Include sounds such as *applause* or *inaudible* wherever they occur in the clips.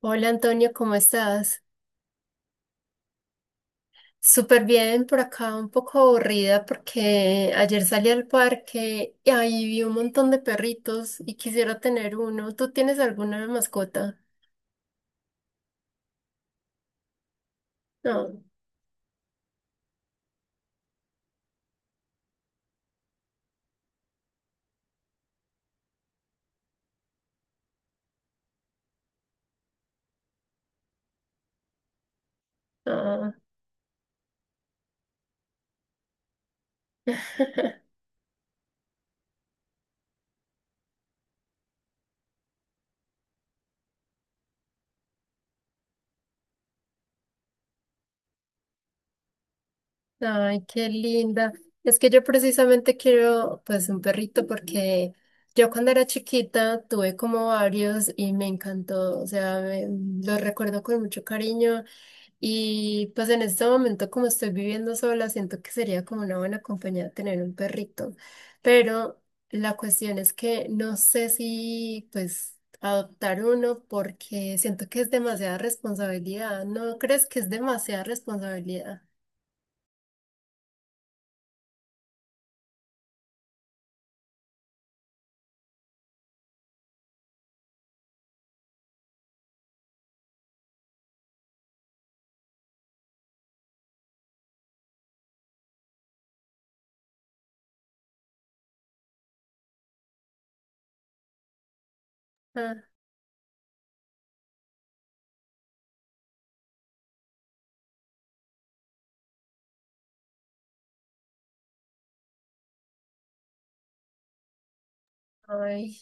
Hola Antonio, ¿cómo estás? Súper bien, por acá un poco aburrida porque ayer salí al parque y ahí vi un montón de perritos y quisiera tener uno. ¿Tú tienes alguna mascota? No, no. *laughs* Ay, qué linda. Es que yo precisamente quiero pues un perrito porque yo cuando era chiquita tuve como varios y me encantó, o sea, los recuerdo con mucho cariño. Y pues en este momento, como estoy viviendo sola, siento que sería como una buena compañía tener un perrito. Pero la cuestión es que no sé si pues adoptar uno porque siento que es demasiada responsabilidad. ¿No crees que es demasiada responsabilidad? Ah, ay.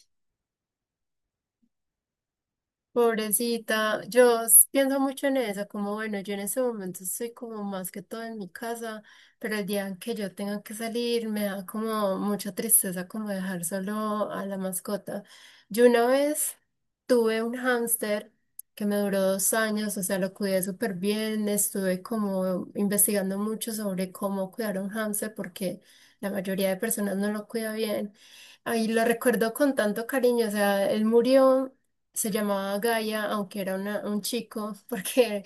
Pobrecita, pienso mucho en eso, como bueno, yo en ese momento estoy como más que todo en mi casa, pero el día en que yo tenga que salir me da como mucha tristeza como dejar solo a la mascota. Yo una vez tuve un hámster que me duró 2 años, o sea, lo cuidé súper bien, estuve como investigando mucho sobre cómo cuidar a un hámster porque la mayoría de personas no lo cuida bien. Ahí lo recuerdo con tanto cariño, o sea, él murió. Se llamaba Gaia, aunque era un chico, *laughs* porque,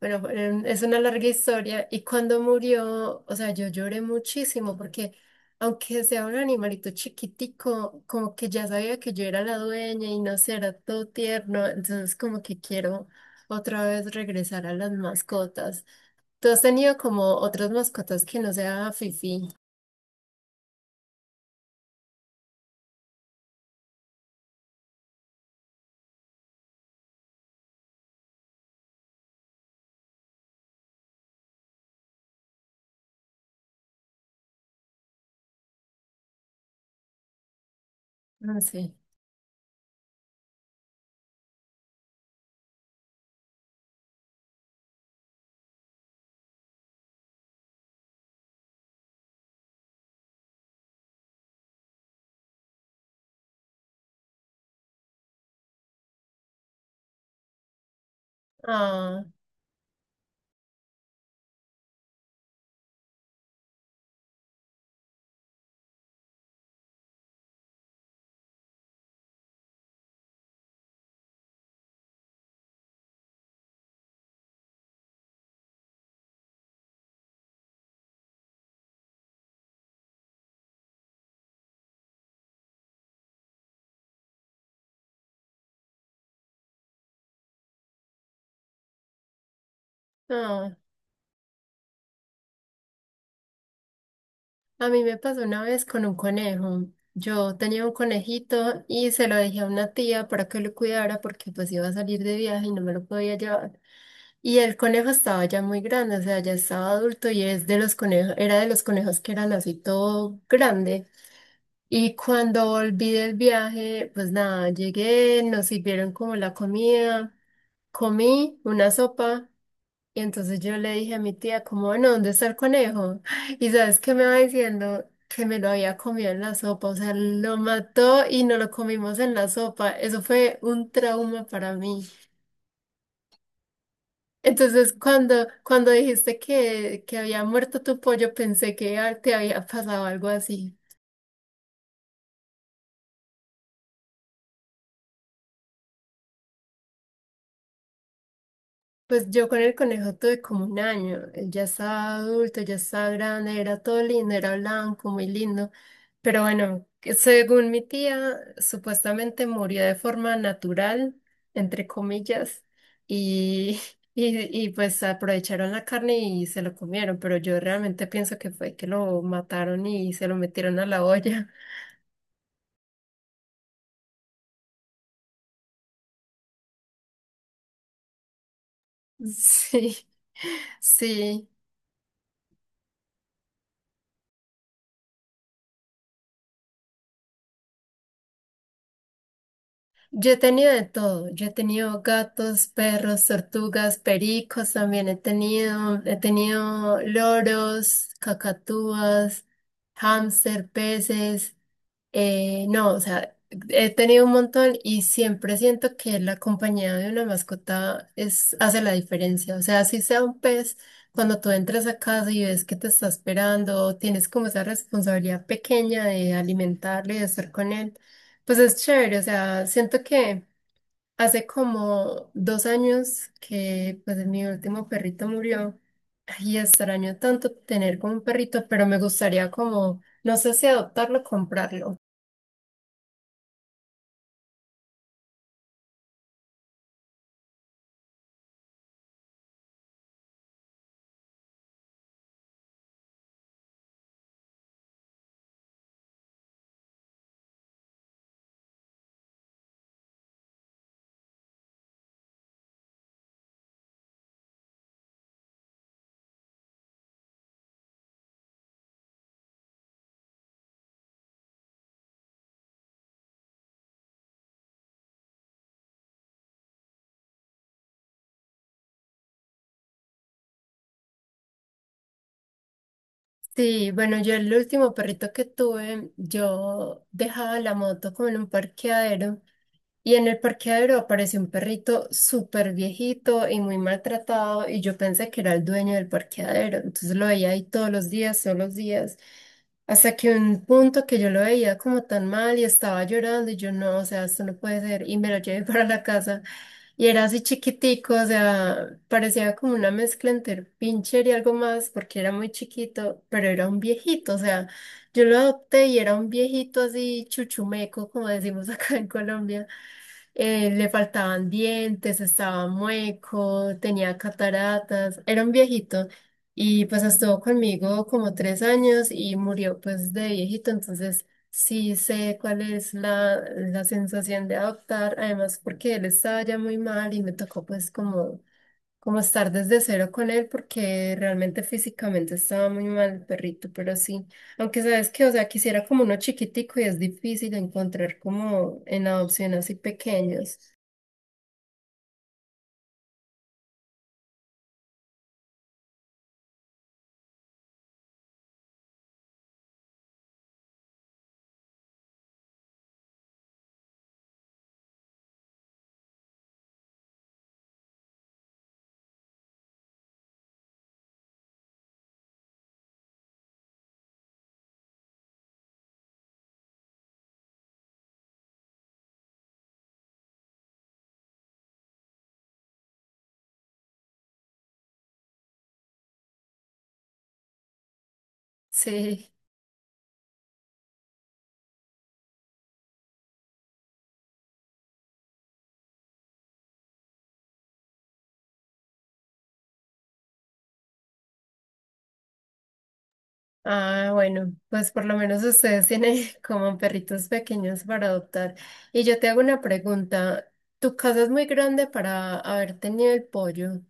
bueno, es una larga historia. Y cuando murió, o sea, yo lloré muchísimo porque, aunque sea un animalito chiquitico, como que ya sabía que yo era la dueña y no sé, era todo tierno. Entonces, como que quiero otra vez regresar a las mascotas. ¿Tú has tenido como otras mascotas que no sea Fifi? No sé. Ah, ah. A mí me pasó una vez con un conejo. Yo tenía un conejito y se lo dejé a una tía para que lo cuidara porque pues iba a salir de viaje y no me lo podía llevar. Y el conejo estaba ya muy grande, o sea, ya estaba adulto y es de los conejos, era de los conejos que eran así todo grande. Y cuando volví del viaje, pues nada, llegué, nos sirvieron como la comida, comí una sopa y entonces yo le dije a mi tía, como, bueno, ¿dónde está el conejo? *laughs* Y sabes qué me va diciendo que me lo había comido en la sopa, o sea, lo mató y no lo comimos en la sopa. Eso fue un trauma para mí. Entonces, cuando dijiste que había muerto tu pollo, pensé que ah, te había pasado algo así. Pues yo con el conejo tuve como un año. Él ya estaba adulto, ya estaba grande, era todo lindo, era blanco, muy lindo. Pero bueno, que según mi tía, supuestamente murió de forma natural, entre comillas, y, *laughs* y pues aprovecharon la carne y se lo comieron. Pero yo realmente pienso que fue que lo mataron y se lo metieron a la olla. *laughs* Sí, sí. Yo he tenido de todo. Yo he tenido gatos, perros, tortugas, pericos también he tenido. He tenido loros, cacatúas, hámster, peces. No, o sea, he tenido un montón y siempre siento que la compañía de una mascota es, hace la diferencia. O sea, si sea un pez, cuando tú entras a casa y ves que te está esperando, tienes como esa responsabilidad pequeña de alimentarlo y de estar con él, pues es chévere. O sea, siento que hace como 2 años que pues mi último perrito murió. Y extraño tanto tener como un perrito, pero me gustaría como, no sé si adoptarlo o comprarlo. Sí, bueno, yo el último perrito que tuve, yo dejaba la moto como en un parqueadero y en el parqueadero apareció un perrito súper viejito y muy maltratado y yo pensé que era el dueño del parqueadero, entonces lo veía ahí todos los días, todos los días. Hasta que un punto que yo lo veía como tan mal y estaba llorando y yo no, o sea, esto no puede ser y me lo llevé *laughs* para la casa y era así chiquitico, o sea, parecía como una mezcla entre pincher y algo más porque era muy chiquito, pero era un viejito, o sea, yo lo adopté y era un viejito así chuchumeco, como decimos *laughs* acá en Colombia le faltaban dientes, estaba mueco, tenía cataratas, era un viejito y pues estuvo conmigo como 3 años y murió pues de viejito, entonces sí sé cuál es la sensación de adoptar, además porque él estaba ya muy mal y me tocó pues como estar desde cero con él porque realmente físicamente estaba muy mal el perrito, pero sí, aunque sabes que, o sea, quisiera como uno chiquitico y es difícil encontrar como en adopción así pequeños. Sí. Ah, bueno, pues por lo menos ustedes tienen *laughs* como perritos pequeños para adoptar. Y yo te hago una pregunta. Tu casa es muy grande para haber tenido el pollo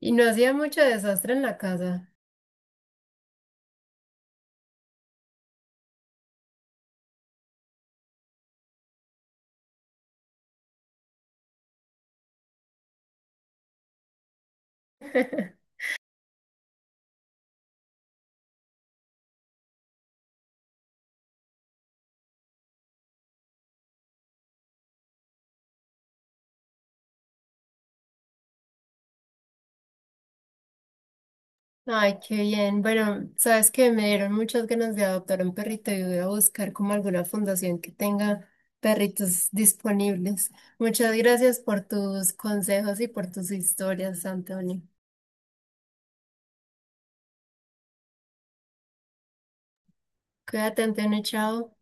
y no hacía mucho desastre en la casa. *laughs* Ay, qué bien. Bueno, sabes que me dieron muchas ganas de adoptar un perrito y voy a buscar como alguna fundación que tenga perritos disponibles. Muchas gracias por tus consejos y por tus historias, Antonio. Cuídate, Antonio, chao.